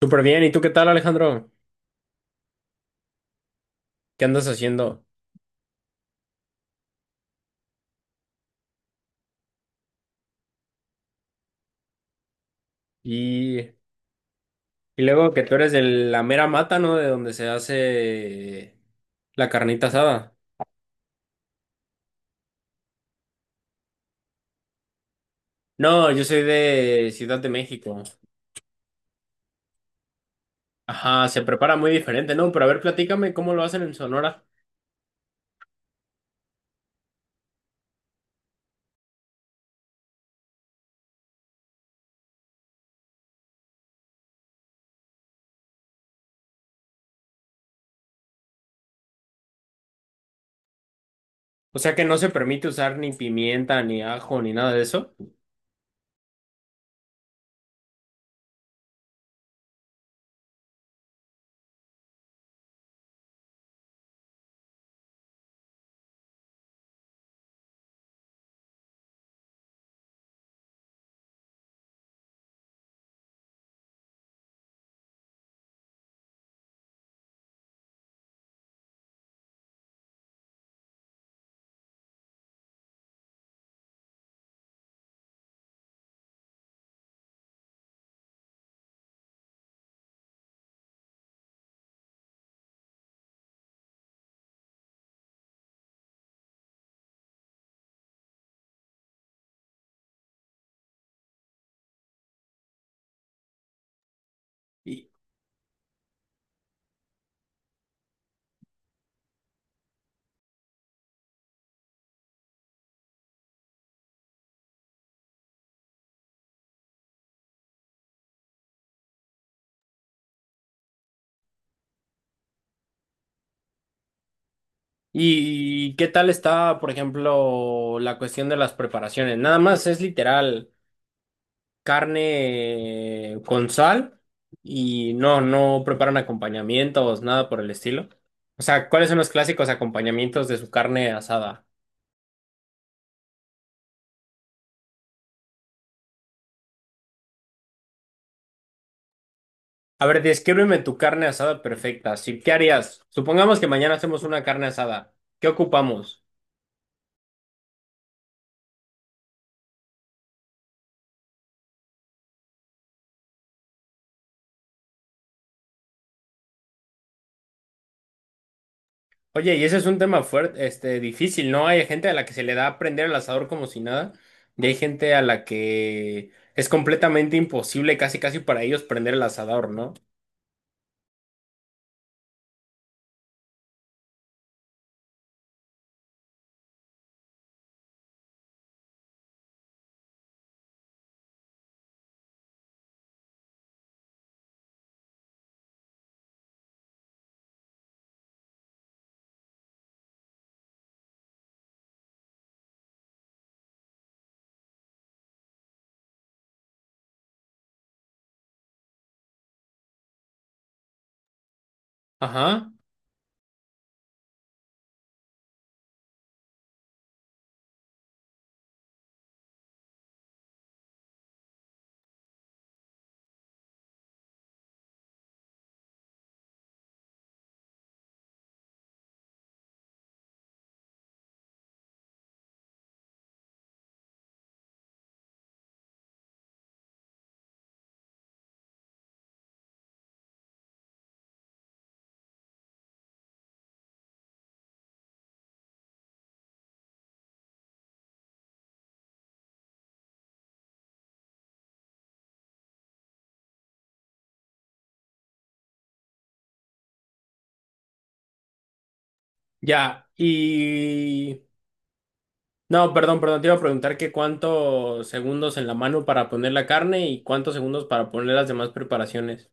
Súper bien, ¿y tú qué tal, Alejandro? ¿Qué andas haciendo? Y luego que tú eres de la mera mata, ¿no? De donde se hace la carnita asada. No, yo soy de Ciudad de México. Ajá, se prepara muy diferente, ¿no? Pero a ver, platícame cómo lo hacen en Sonora. O sea que no se permite usar ni pimienta, ni ajo, ni nada de eso. ¿Y, y qué tal está, por ejemplo, la cuestión de las preparaciones? Nada más es literal. Carne con sal y no preparan acompañamientos, nada por el estilo. O sea, ¿cuáles son los clásicos acompañamientos de su carne asada? A ver, descríbeme tu carne asada perfecta. Sí, ¿qué harías? Supongamos que mañana hacemos una carne asada. ¿Qué ocupamos? Oye, y ese es un tema fuerte, este, difícil, ¿no? Hay gente a la que se le da a prender el asador como si nada, y hay gente a la que es completamente imposible, casi casi para ellos prender el asador, ¿no? Ajá. Ya, y... No, perdón, perdón, te iba a preguntar que cuántos segundos en la mano para poner la carne y cuántos segundos para poner las demás preparaciones.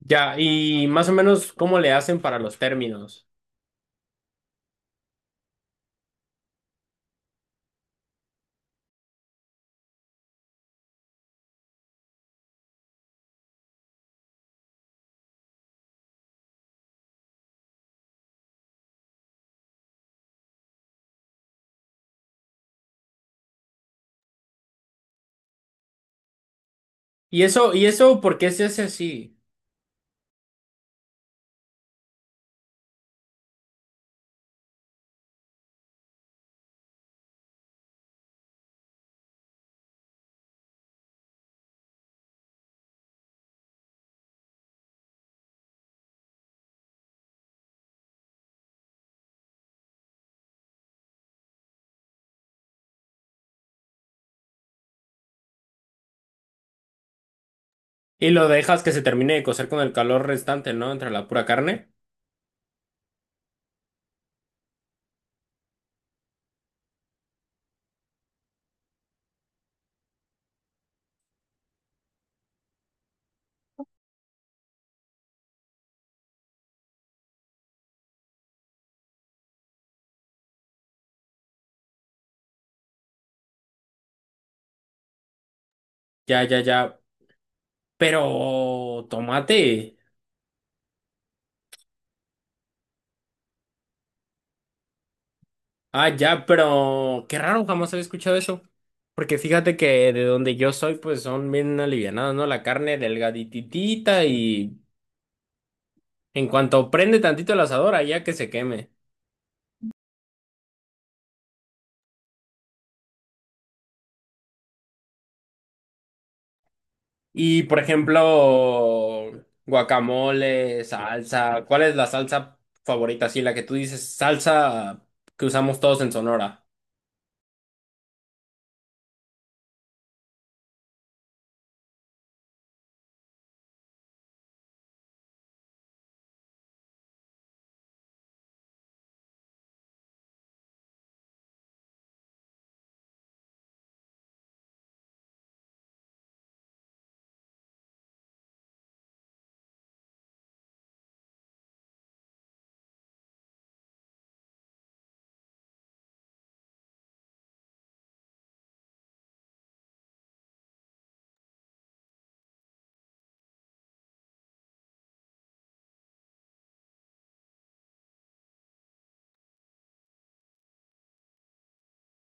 Ya, y más o menos cómo le hacen para los términos. Y eso, ¿por qué se hace así? Y lo dejas que se termine de cocer con el calor restante, ¿no? Entre la pura carne. Ya, ya, ya. Pero, tomate. Ah, ya, pero qué raro, jamás había escuchado eso. Porque fíjate que de donde yo soy, pues son bien alivianadas, ¿no? La carne delgadititita y en cuanto prende tantito el asador, allá que se queme. Y por ejemplo, guacamole, salsa. ¿Cuál es la salsa favorita? Sí, la que tú dices, salsa que usamos todos en Sonora.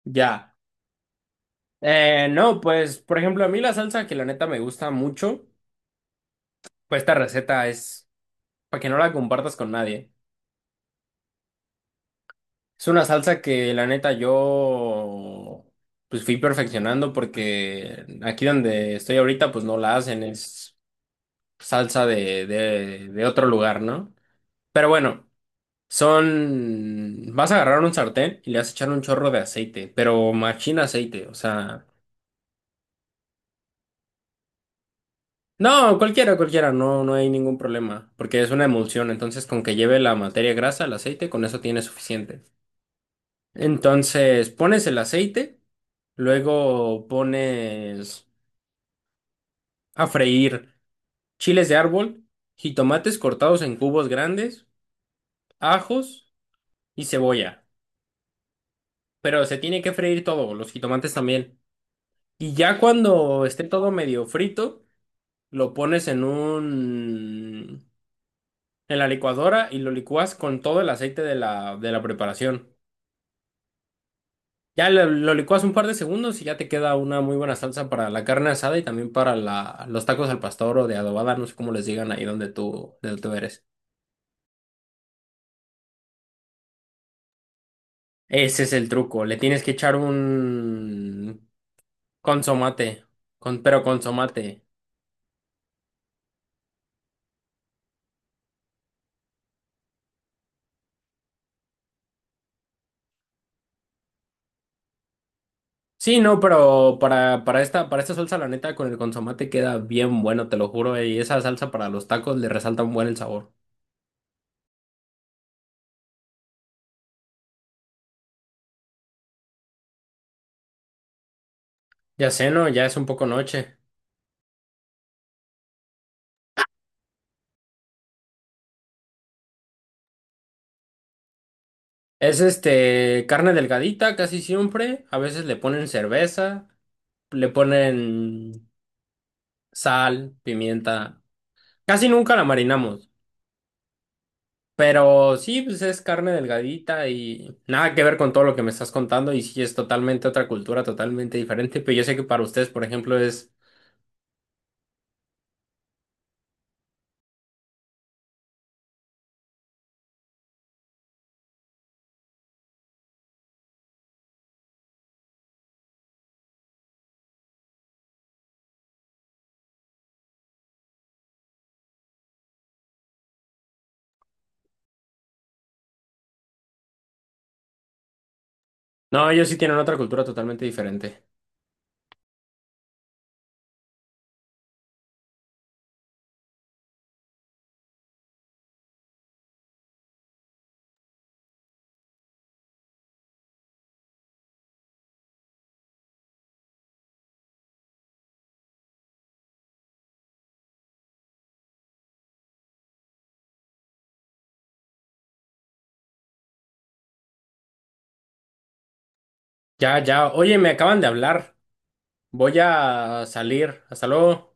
Ya. No, pues por ejemplo, a mí la salsa que la neta me gusta mucho, pues esta receta es para que no la compartas con nadie. Es una salsa que la neta yo pues fui perfeccionando porque aquí donde estoy ahorita pues no la hacen, es salsa de otro lugar, ¿no? Pero bueno, son... Vas a agarrar un sartén y le vas a echar un chorro de aceite, pero machín aceite, o sea... No, cualquiera, cualquiera, no, no hay ningún problema, porque es una emulsión, entonces con que lleve la materia grasa, el aceite, con eso tiene suficiente. Entonces pones el aceite, luego pones a freír chiles de árbol, jitomates cortados en cubos grandes, ajos y cebolla. Pero se tiene que freír todo, los jitomates también. Y ya cuando esté todo medio frito, lo pones en un... en la licuadora y lo licúas con todo el aceite de la preparación. Ya lo licuas un par de segundos y ya te queda una muy buena salsa para la carne asada y también para la, los tacos al pastor o de adobada, no sé cómo les digan ahí donde tú, de donde tú eres. Ese es el truco, le tienes que echar un consomate, con, pero consomate. Sí, no, pero para esta, para esta salsa, la neta, con el consomate queda bien bueno, te lo juro, y esa salsa para los tacos le resalta un buen el sabor. Ya sé, ¿no? Ya es un poco noche. Es este, carne delgadita casi siempre, a veces le ponen cerveza. Le ponen sal, pimienta. Casi nunca la marinamos, pero sí, pues es carne delgadita y nada que ver con todo lo que me estás contando y sí es totalmente otra cultura, totalmente diferente, pero yo sé que para ustedes, por ejemplo, es... No, ellos sí tienen otra cultura totalmente diferente. Ya, ya, oye, me acaban de hablar. Voy a salir. Hasta luego.